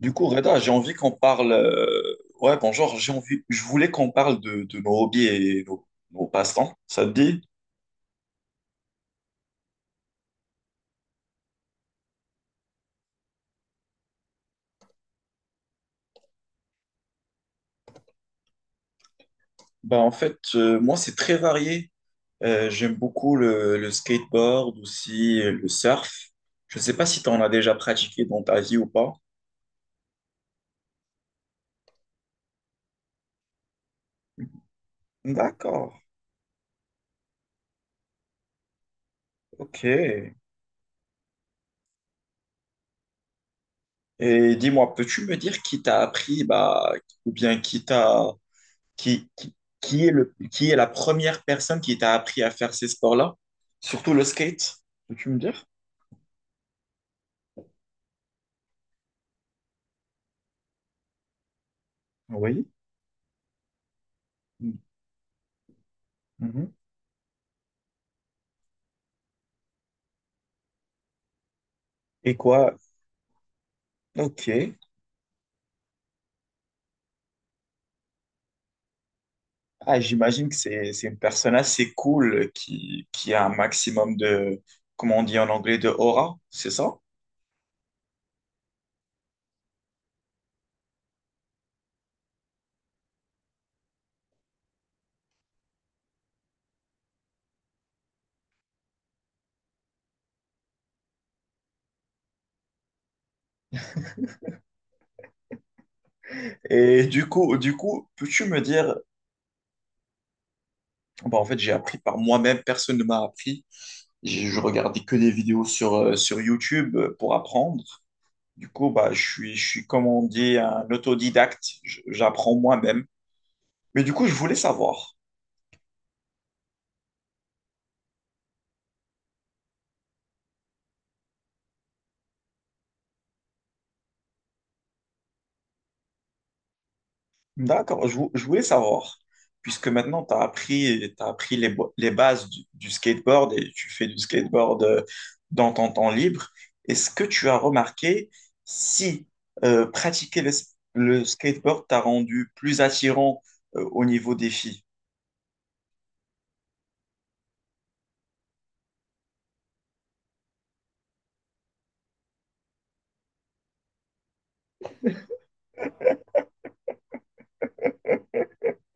Du coup, Reda, j'ai envie qu'on parle. Ouais, bonjour, j'ai envie. Je voulais qu'on parle de nos hobbies et nos passe-temps. Ça te dit? Bah, en fait, moi, c'est très varié. J'aime beaucoup le skateboard aussi, le surf. Je ne sais pas si tu en as déjà pratiqué dans ta vie ou pas. D'accord, ok. Et dis-moi, peux-tu me dire qui t'a appris, bah, ou bien qui t'a qui, qui, qui est qui est la première personne qui t'a appris à faire ces sports-là? Surtout le skate, peux-tu me dire? Oui. Mhm. Et quoi? Ok. Ah, j'imagine que c'est une personne assez cool qui a un maximum de, comment on dit en anglais, de aura, c'est ça? Et du coup, peux-tu me dire, bah, en fait, j'ai appris par moi-même, personne ne m'a appris. Je regardais que des vidéos sur, sur YouTube pour apprendre. Du coup, bah, je suis, comme on dit, un autodidacte. J'apprends moi-même. Mais du coup, je voulais savoir. D'accord, je voulais savoir. Puisque maintenant, tu as appris, t'as appris les bases du skateboard et tu fais du skateboard dans ton temps libre. Est-ce que tu as remarqué si pratiquer le skateboard t'a rendu plus attirant au niveau des filles?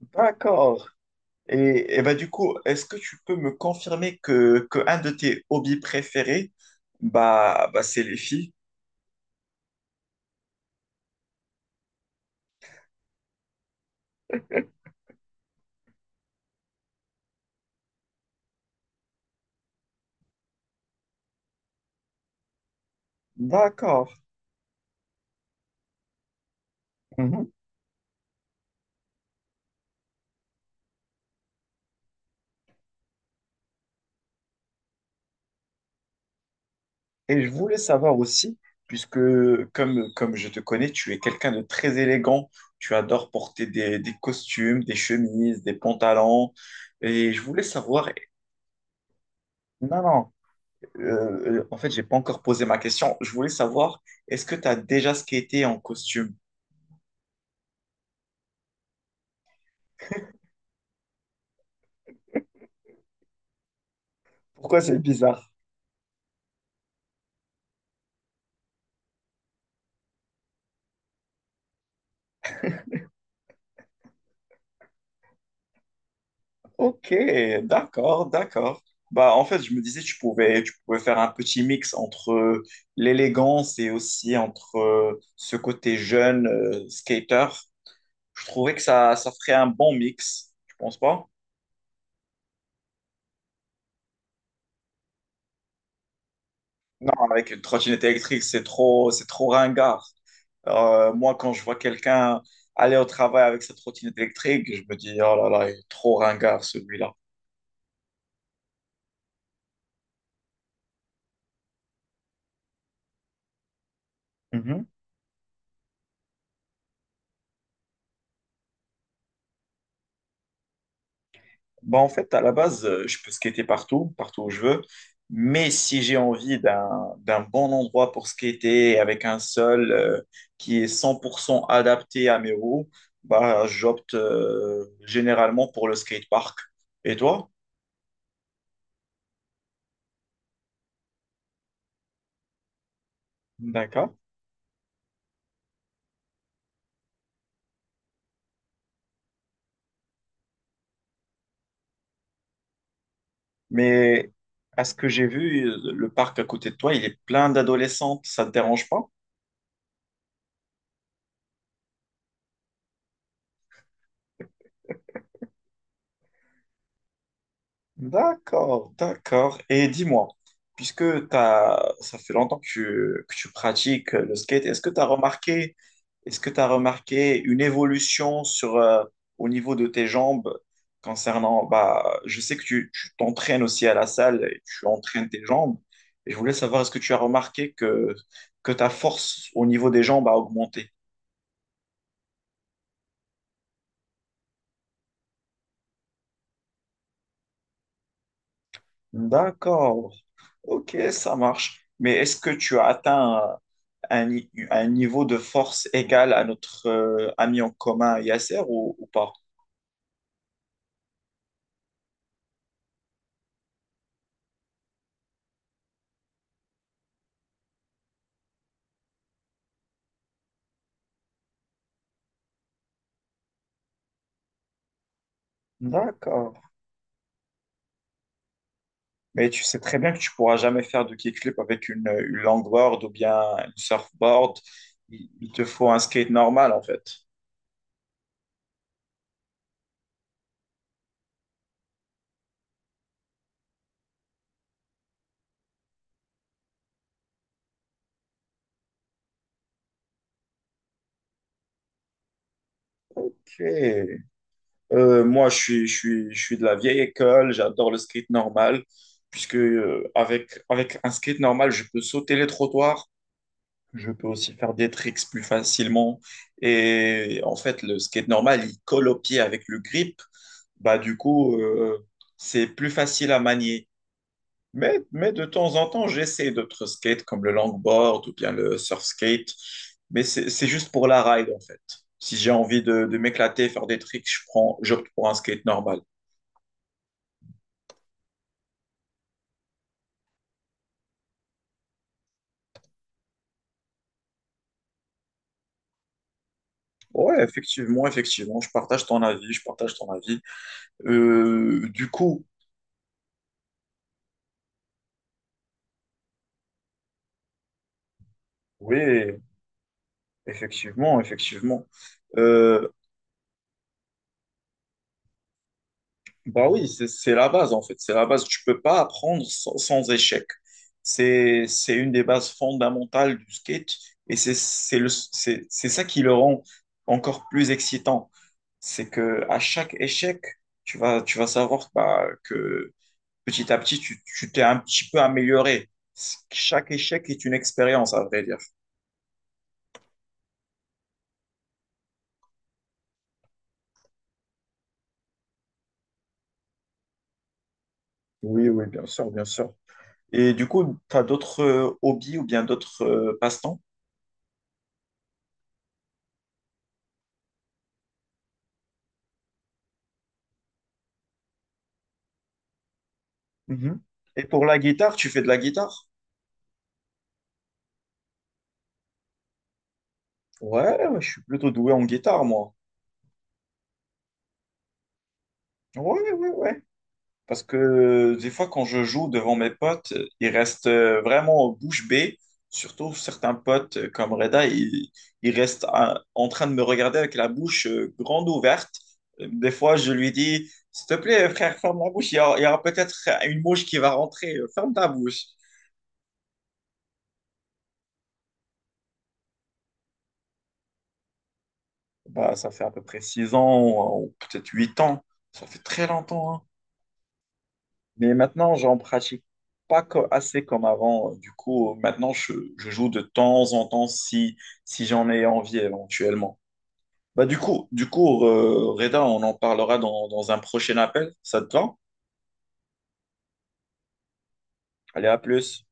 D'accord. Et bah, du coup, est-ce que tu peux me confirmer que un de tes hobbies préférés, bah, c'est les filles? D'accord. Mhm. Et je voulais savoir aussi, puisque comme je te connais, tu es quelqu'un de très élégant, tu adores porter des costumes, des chemises, des pantalons, et je voulais savoir, non, en fait, j'ai pas encore posé ma question, je voulais savoir, est-ce que tu as déjà skaté en costume? Pourquoi c'est bizarre? Ok, d'accord. Bah, en fait, je me disais, tu pouvais faire un petit mix entre l'élégance et aussi entre ce côté jeune, skater. Je trouvais que ça ferait un bon mix, tu penses pas? Non, avec une trottinette électrique, c'est trop ringard. Moi, quand je vois quelqu'un aller au travail avec sa trottinette électrique, je me dis, oh là là, il est trop ringard celui-là. Bah, en fait, à la base, je peux skater partout, partout où je veux. Mais si j'ai envie d'un bon endroit pour skater avec un sol qui est 100% adapté à mes roues, bah, j'opte généralement pour le skatepark. Et toi? D'accord. Mais à ce que j'ai vu, le parc à côté de toi, il est plein d'adolescentes. Ça ne te dérange pas? D'accord, d'accord. Et dis-moi, puisque t'as, ça fait longtemps que tu pratiques le skate, est-ce que tu as remarqué, est-ce que tu remarqué une évolution sur, au niveau de tes jambes concernant, bah, je sais que tu t'entraînes aussi à la salle et tu entraînes tes jambes. Et je voulais savoir, est-ce que tu as remarqué que ta force au niveau des jambes a augmenté? D'accord, ok, ça marche. Mais est-ce que tu as atteint un, ni- un niveau de force égal à notre ami en commun Yasser ou pas? D'accord. Mais tu sais très bien que tu pourras jamais faire de kickflip avec une longboard ou bien une surfboard. Il te faut un skate normal en fait. Ok. Moi, je suis de la vieille école, j'adore le skate normal, puisque avec, avec un skate normal, je peux sauter les trottoirs, je peux aussi faire des tricks plus facilement. Et en fait, le skate normal, il colle au pied avec le grip. Bah, du coup, c'est plus facile à manier. Mais de temps en temps, j'essaie d'autres skates comme le longboard ou bien le surf skate. Mais c'est juste pour la ride, en fait. Si j'ai envie de m'éclater, faire des tricks, j'opte pour un skate normal. Ouais, effectivement, effectivement, je partage ton avis. Du coup, oui, effectivement, effectivement. Euh, bah oui, c'est la base en fait, c'est la base. Tu peux pas apprendre sans, sans échec. C'est une des bases fondamentales du skate et c'est ça qui le rend encore plus excitant. C'est que à chaque échec, tu vas savoir bah, que petit à petit, tu t'es un petit peu amélioré. Chaque échec est une expérience, à vrai dire. Oui, oui, bien sûr, bien sûr. Et du coup, tu as d'autres hobbies ou bien d'autres passe-temps? Mhm. Et pour la guitare, tu fais de la guitare? Ouais, ouais, je suis plutôt doué en guitare, moi. Ouais, ouais, ouais. Parce que des fois, quand je joue devant mes potes, ils restent vraiment bouche bée. Surtout certains potes comme Reda, ils restent en train de me regarder avec la bouche grande ouverte. Des fois, je lui dis, s'il te plaît, frère, ferme la bouche. Il y aura peut-être une mouche qui va rentrer. Ferme ta bouche. Bah, ça fait à peu près 6 ans, ou peut-être 8 ans. Ça fait très longtemps, hein. Mais maintenant, j'en pratique pas co- assez comme avant. Du coup, maintenant, je joue de temps en temps si j'en ai envie éventuellement. Bah, Reda, on en parlera dans un prochain appel. Ça te va? Allez, à plus.